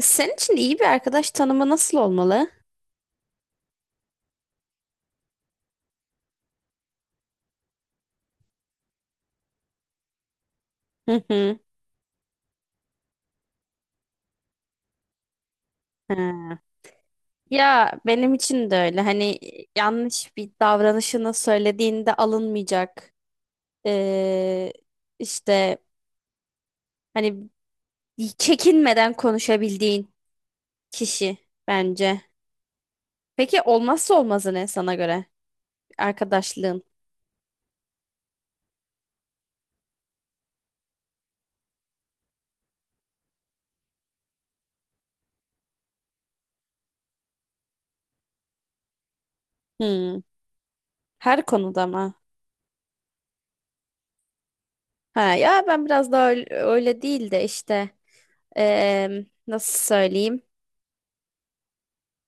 Senin için iyi bir arkadaş tanımı nasıl olmalı? Hı hı. Ha. Ya benim için de öyle. Hani yanlış bir davranışını söylediğinde alınmayacak. Ee, işte hani çekinmeden konuşabildiğin kişi bence. Peki olmazsa olmazı ne sana göre? Arkadaşlığın. Hmm. Her konuda mı? Ha, ya ben biraz daha öyle değil de işte nasıl söyleyeyim?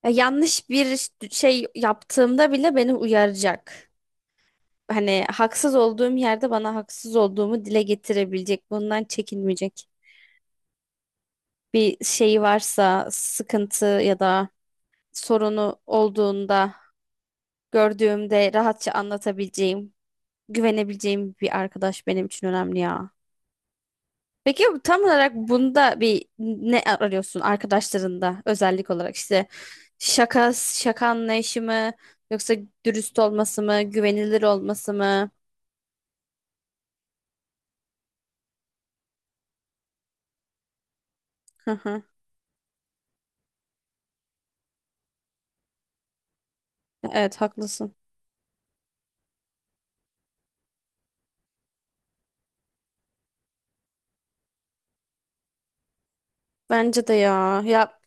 Ya yanlış bir şey yaptığımda bile beni uyaracak. Hani haksız olduğum yerde bana haksız olduğumu dile getirebilecek. Bundan çekinmeyecek. Bir şeyi varsa, sıkıntı ya da sorunu olduğunda gördüğümde rahatça anlatabileceğim, güvenebileceğim bir arkadaş benim için önemli ya. Peki tam olarak bunda bir ne arıyorsun arkadaşlarında özellik olarak işte şaka şaka anlayışı mı yoksa dürüst olması mı güvenilir olması mı? Hı hı. Evet haklısın. Bence de ya. Ya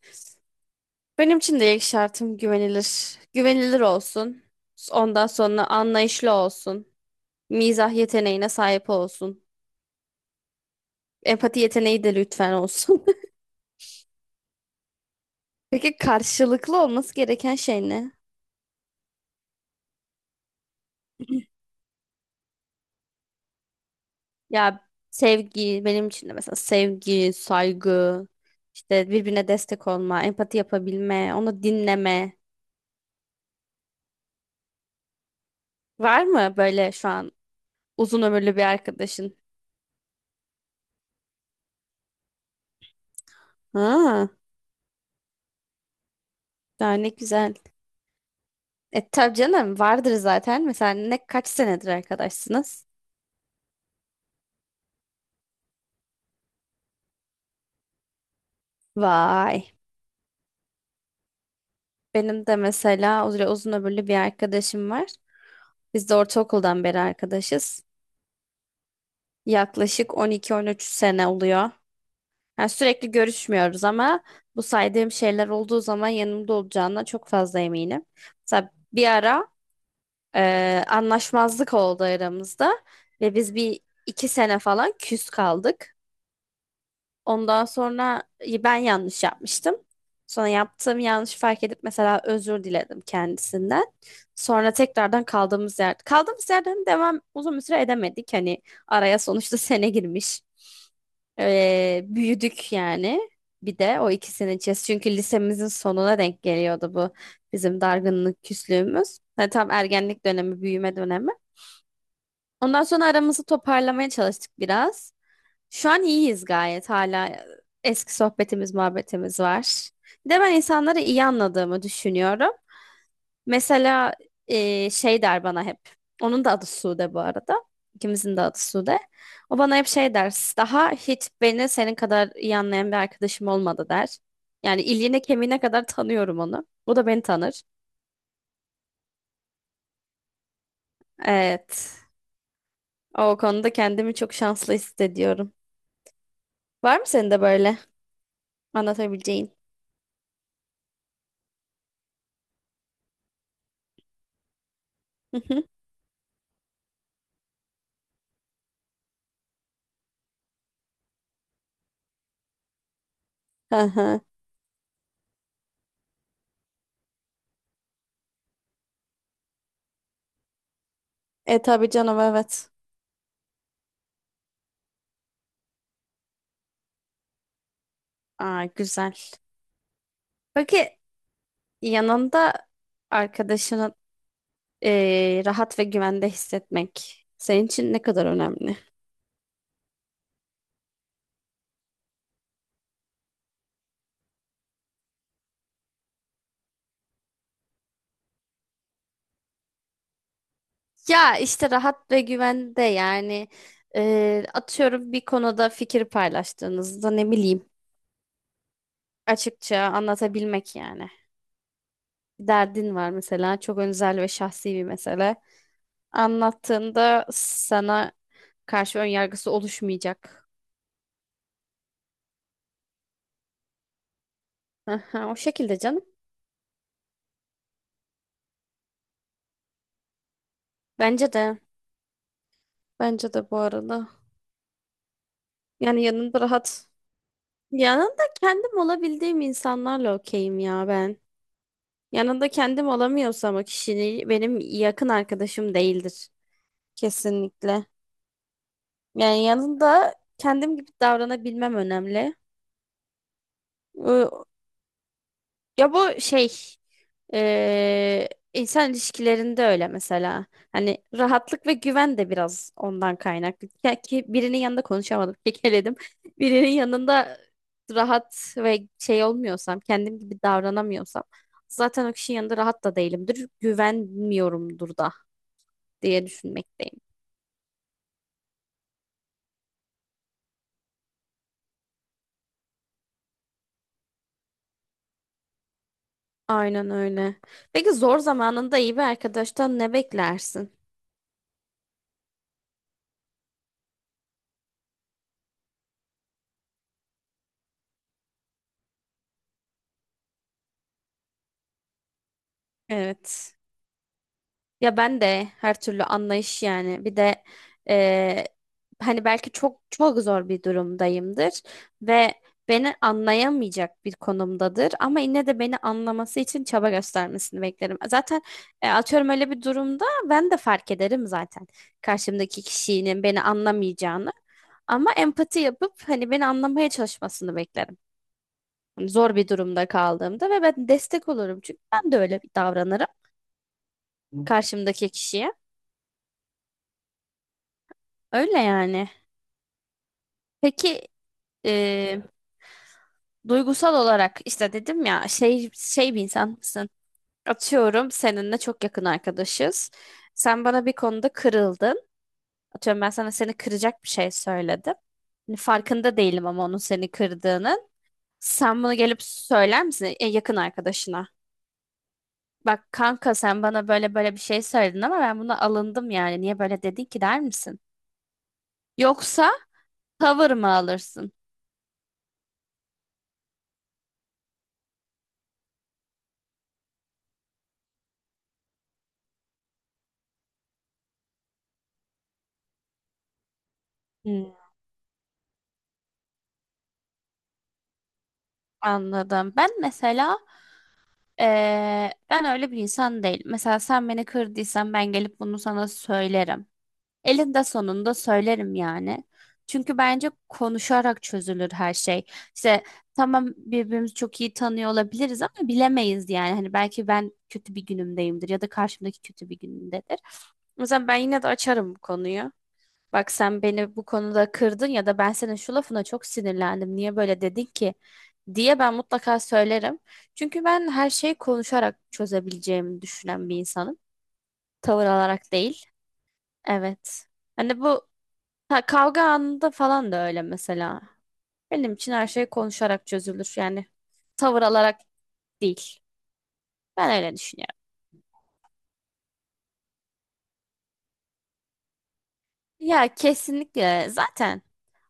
benim için de ilk şartım güvenilir. Güvenilir olsun. Ondan sonra anlayışlı olsun. Mizah yeteneğine sahip olsun. Empati yeteneği de lütfen olsun. Peki karşılıklı olması gereken şey ne? Ya sevgi benim için de mesela sevgi, saygı, işte birbirine destek olma, empati yapabilme, onu dinleme. Var mı böyle şu an uzun ömürlü bir arkadaşın? Ha, daha ne güzel. E tabii canım vardır zaten. Mesela ne kaç senedir arkadaşsınız? Vay. Benim de mesela öyle uzun ömürlü bir arkadaşım var. Biz de ortaokuldan beri arkadaşız. Yaklaşık 12-13 sene oluyor. Yani sürekli görüşmüyoruz ama bu saydığım şeyler olduğu zaman yanımda olacağına çok fazla eminim. Mesela bir ara anlaşmazlık oldu aramızda ve biz bir iki sene falan küs kaldık. Ondan sonra ben yanlış yapmıştım. Sonra yaptığım yanlışı fark edip mesela özür diledim kendisinden. Sonra tekrardan kaldığımız yer, kaldığımız yerden devam uzun bir süre edemedik. Hani araya sonuçta sene girmiş. Büyüdük yani. Bir de o ikisinin içerisinde. Çünkü lisemizin sonuna denk geliyordu bu bizim dargınlık küslüğümüz. Hani tam ergenlik dönemi, büyüme dönemi. Ondan sonra aramızı toparlamaya çalıştık biraz. Şu an iyiyiz gayet hala. Eski sohbetimiz, muhabbetimiz var. Bir de ben insanları iyi anladığımı düşünüyorum. Mesela şey der bana hep. Onun da adı Sude bu arada. İkimizin de adı Sude. O bana hep şey der. Daha hiç beni senin kadar iyi anlayan bir arkadaşım olmadı der. Yani iliğine kemiğine kadar tanıyorum onu. O da beni tanır. Evet. O konuda kendimi çok şanslı hissediyorum. Var mı senin de böyle anlatabileceğin? Hı hı. E tabii canım evet. Aa, güzel. Peki yanında arkadaşını rahat ve güvende hissetmek senin için ne kadar önemli? Ya işte rahat ve güvende yani atıyorum bir konuda fikir paylaştığınızda ne bileyim açıkça anlatabilmek yani. Bir derdin var mesela çok özel ve şahsi bir mesele. Anlattığında sana karşı ön yargısı oluşmayacak. Aha, o şekilde canım. Bence de. Bence de bu arada. Yani yanında rahat. Yanında kendim olabildiğim insanlarla okeyim ya ben. Yanında kendim olamıyorsam o kişinin benim yakın arkadaşım değildir. Kesinlikle. Yani yanında kendim gibi davranabilmem önemli. Ya bu şey eee, insan ilişkilerinde öyle mesela. Hani rahatlık ve güven de biraz ondan kaynaklı. Ya ki birinin yanında konuşamadım, kekeledim. Birinin yanında rahat ve şey olmuyorsam, kendim gibi davranamıyorsam zaten o kişinin yanında rahat da değilimdir. Güvenmiyorumdur da diye düşünmekteyim. Aynen öyle. Peki zor zamanında iyi bir arkadaştan ne beklersin? Evet. Ya ben de her türlü anlayış yani. Bir de eee, hani belki çok çok zor bir durumdayımdır ve beni anlayamayacak bir konumdadır ama yine de beni anlaması için çaba göstermesini beklerim. Zaten atıyorum öyle bir durumda ben de fark ederim zaten karşımdaki kişinin beni anlamayacağını ama empati yapıp hani beni anlamaya çalışmasını beklerim. Hani zor bir durumda kaldığımda ve ben destek olurum çünkü ben de öyle davranırım karşımdaki kişiye. Öyle yani. Peki e, duygusal olarak işte dedim ya şey bir insan mısın? Atıyorum seninle çok yakın arkadaşız. Sen bana bir konuda kırıldın. Atıyorum ben sana seni kıracak bir şey söyledim. Hani farkında değilim ama onun seni kırdığının. Sen bunu gelip söyler misin yakın arkadaşına? Bak kanka sen bana böyle böyle bir şey söyledin ama ben buna alındım yani. Niye böyle dedin ki der misin? Yoksa tavır mı alırsın? Hmm. Anladım. Ben öyle bir insan değil. Mesela sen beni kırdıysan ben gelip bunu sana söylerim. Elinde sonunda söylerim yani. Çünkü bence konuşarak çözülür her şey. İşte tamam birbirimizi çok iyi tanıyor olabiliriz ama bilemeyiz yani. Hani belki ben kötü bir günümdeyimdir ya da karşımdaki kötü bir günündedir. O yüzden ben yine de açarım bu konuyu. Bak sen beni bu konuda kırdın ya da ben senin şu lafına çok sinirlendim. Niye böyle dedin ki? Diye ben mutlaka söylerim. Çünkü ben her şeyi konuşarak çözebileceğimi düşünen bir insanım. Tavır alarak değil. Evet. Hani bu ha, kavga anında falan da öyle mesela. Benim için her şey konuşarak çözülür. Yani tavır alarak değil. Ben öyle düşünüyorum. Ya kesinlikle zaten.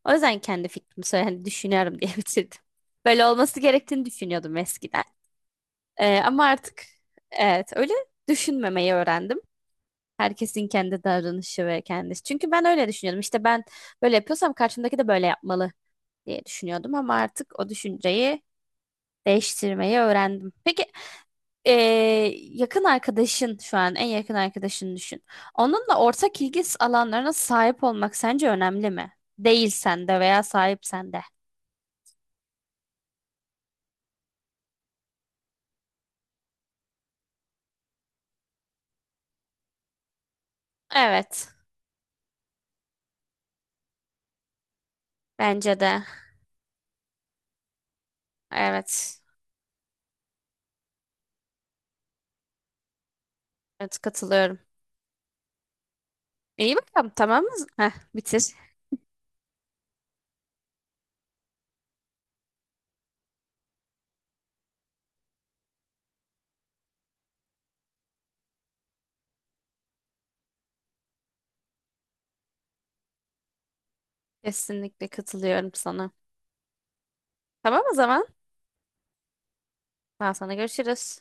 O yüzden kendi fikrimi söyle, hani düşünüyorum diye bitirdim. Böyle olması gerektiğini düşünüyordum eskiden. Ama artık evet öyle düşünmemeyi öğrendim. Herkesin kendi davranışı ve kendisi. Çünkü ben öyle düşünüyordum. İşte ben böyle yapıyorsam karşımdaki de böyle yapmalı diye düşünüyordum ama artık o düşünceyi değiştirmeyi öğrendim. Peki ee, yakın arkadaşın şu an en yakın arkadaşını düşün. Onunla ortak ilgi alanlarına sahip olmak sence önemli mi? Değilsen de veya sahipsen de. Evet, bence de. Evet, evet katılıyorum. İyi bakalım tamam mı? Heh, bitir. Kesinlikle katılıyorum sana. Tamam o zaman. Ben sana görüşürüz.